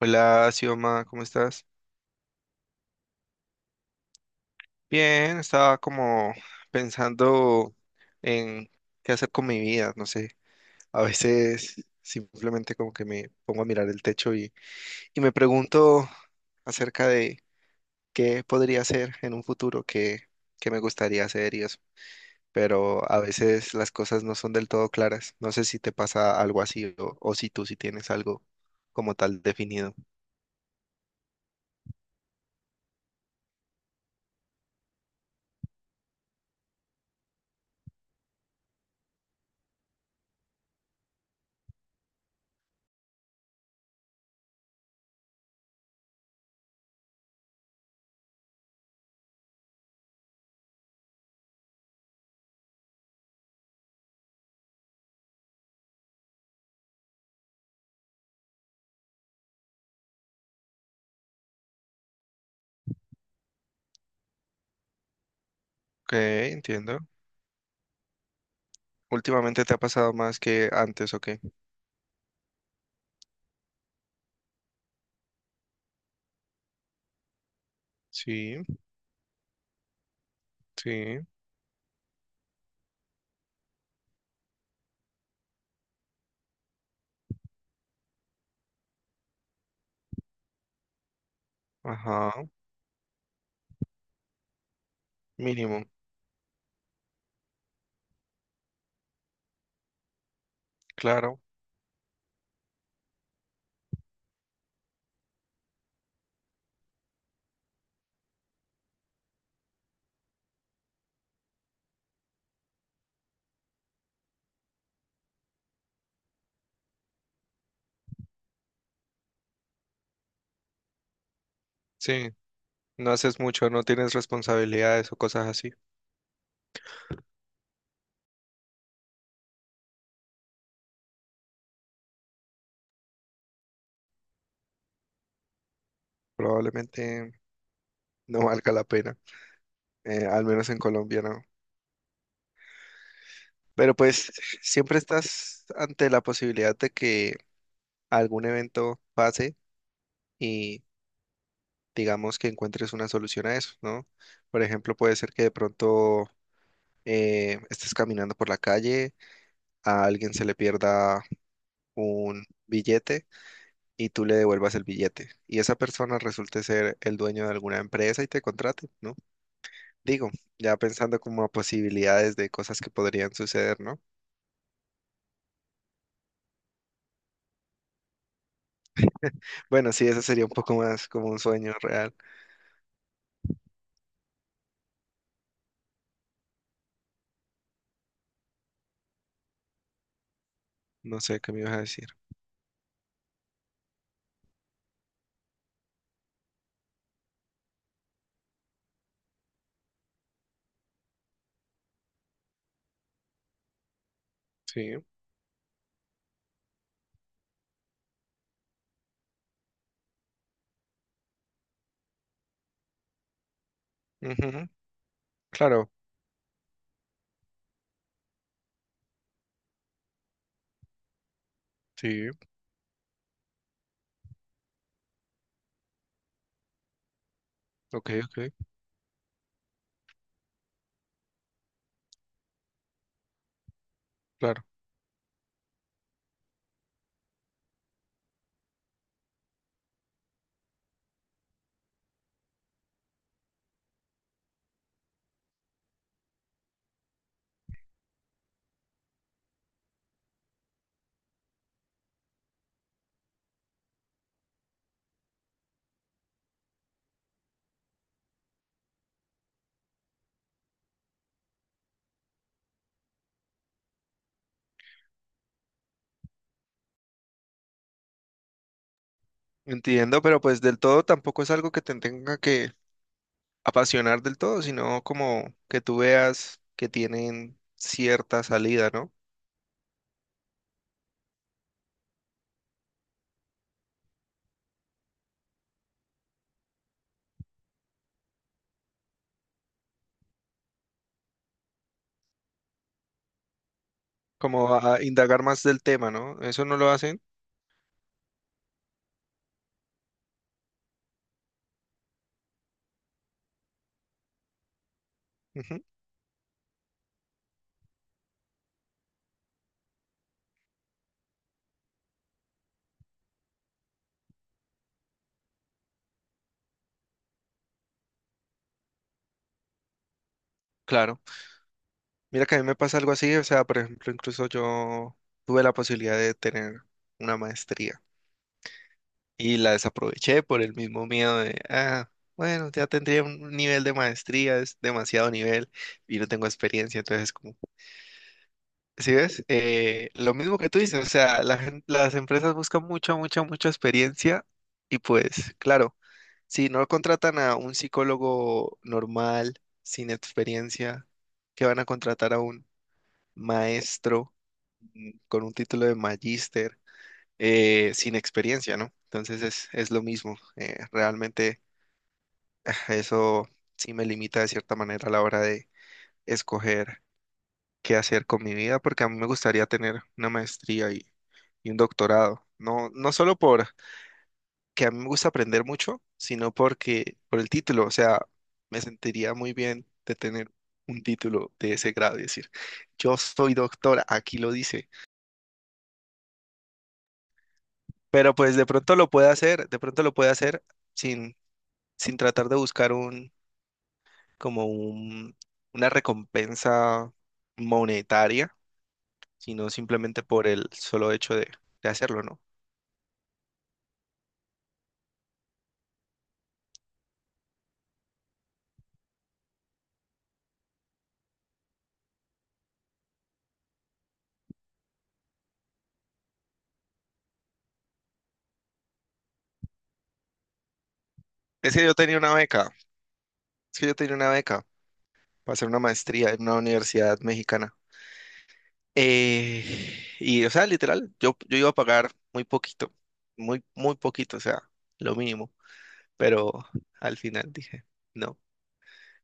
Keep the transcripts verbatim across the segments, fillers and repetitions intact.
Hola, Sioma, ¿cómo estás? Bien, estaba como pensando en qué hacer con mi vida, no sé. A veces simplemente como que me pongo a mirar el techo y, y me pregunto acerca de qué podría hacer en un futuro, qué, qué me gustaría hacer y eso. Pero a veces las cosas no son del todo claras. No sé si te pasa algo así o, o si tú sí tienes algo como tal definido. Ok, entiendo. ¿Últimamente te ha pasado más que antes o qué? Sí, sí. Ajá, mínimo, claro, sí, no haces mucho, no tienes responsabilidades o cosas así, probablemente no valga la pena, eh, al menos en Colombia no. Pero pues siempre estás ante la posibilidad de que algún evento pase y digamos que encuentres una solución a eso, ¿no? Por ejemplo, puede ser que de pronto eh, estés caminando por la calle, a alguien se le pierda un billete y tú le devuelvas el billete. Y esa persona resulte ser el dueño de alguna empresa y te contrate, ¿no? Digo, ya pensando como a posibilidades de cosas que podrían suceder, ¿no? Bueno, sí, eso sería un poco más como un sueño real. No sé qué me ibas a decir. Sí. Ujú. Claro. Sí. Ok, ok. Claro. Entiendo, pero pues del todo tampoco es algo que te tenga que apasionar del todo, sino como que tú veas que tienen cierta salida, ¿no? Como a a indagar más del tema, ¿no? ¿Eso no lo hacen? Claro. Mira que a mí me pasa algo así, o sea, por ejemplo, incluso yo tuve la posibilidad de tener una maestría y la desaproveché por el mismo miedo de, ah, bueno, ya tendría un nivel de maestría, es demasiado nivel y no tengo experiencia, entonces como, ¿sí ves? Eh, lo mismo que tú dices, o sea, la gen- las empresas buscan mucha, mucha, mucha experiencia y pues, claro, si no contratan a un psicólogo normal, sin experiencia, ¿qué van a contratar a un maestro con un título de magíster eh, sin experiencia, ¿no? Entonces es, es lo mismo. Eh, realmente ah, eso sí me limita de cierta manera a la hora de escoger qué hacer con mi vida, porque a mí me gustaría tener una maestría y, y un doctorado. No, no solo por que a mí me gusta aprender mucho, sino porque por el título, o sea, me sentiría muy bien de tener un título de ese grado y decir, yo soy doctora, aquí lo dice. Pero pues de pronto lo puede hacer, de pronto lo puede hacer sin, sin tratar de buscar un, como un, una recompensa monetaria, sino simplemente por el solo hecho de, de hacerlo, ¿no? Es que yo tenía una beca, es que yo tenía una beca para hacer una maestría en una universidad mexicana. Eh, y, o sea, literal, yo, yo iba a pagar muy poquito, muy, muy poquito, o sea, lo mínimo, pero al final dije, no.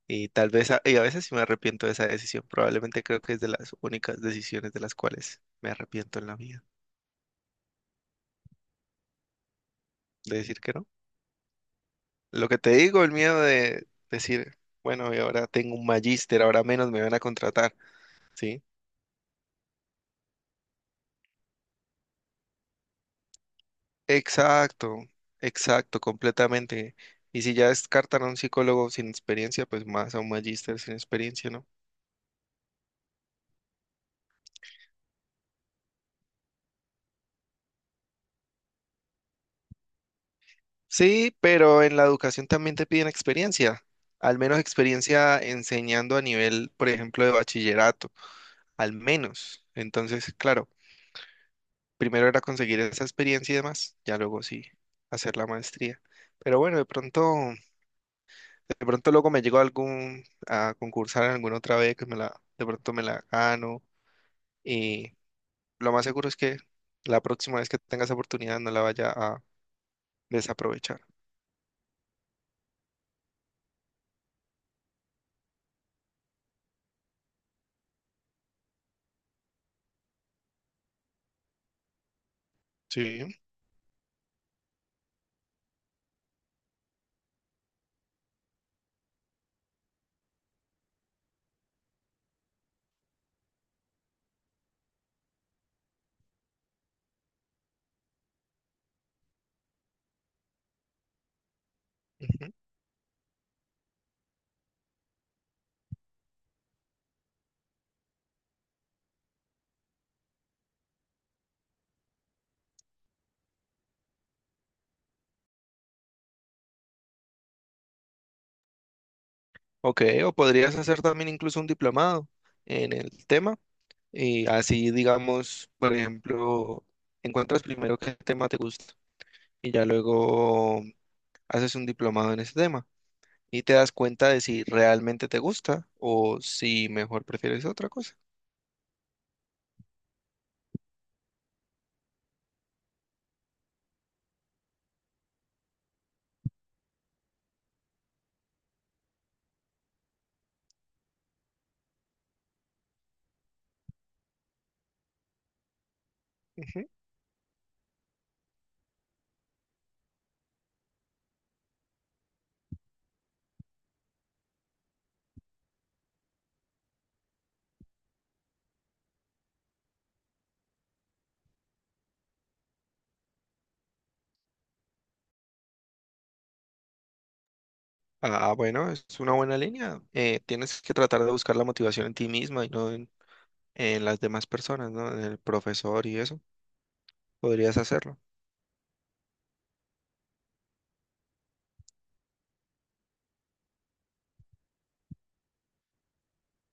Y tal vez, a, y a veces sí me arrepiento de esa decisión. Probablemente creo que es de las únicas decisiones de las cuales me arrepiento en la vida, de decir que no. Lo que te digo, el miedo de decir, bueno, y ahora tengo un magíster, ahora menos me van a contratar, ¿sí? Exacto, exacto, completamente. Y si ya descartan a un psicólogo sin experiencia, pues más a un magíster sin experiencia, ¿no? Sí, pero en la educación también te piden experiencia, al menos experiencia enseñando a nivel, por ejemplo, de bachillerato, al menos. Entonces, claro, primero era conseguir esa experiencia y demás, ya luego sí, hacer la maestría. Pero bueno, de pronto, de pronto luego me llegó algún a concursar en alguna otra vez que me la, de pronto me la gano y lo más seguro es que la próxima vez que tengas oportunidad no la vaya a desaprovechar. Sí. Ok, o podrías hacer también incluso un diplomado en el tema y así, digamos, por ejemplo, encuentras primero qué tema te gusta y ya luego haces un diplomado en ese tema y te das cuenta de si realmente te gusta o si mejor prefieres otra cosa. Ujú. Ah, bueno, es una buena línea. Eh, tienes que tratar de buscar la motivación en ti misma y no en, en las demás personas, ¿no? En el profesor y eso. Podrías hacerlo.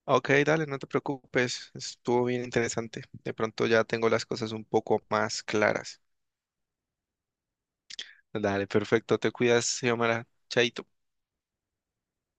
Ok, dale, no te preocupes, estuvo bien interesante. De pronto ya tengo las cosas un poco más claras. Dale, perfecto, te cuidas, Xiomara. Chaito.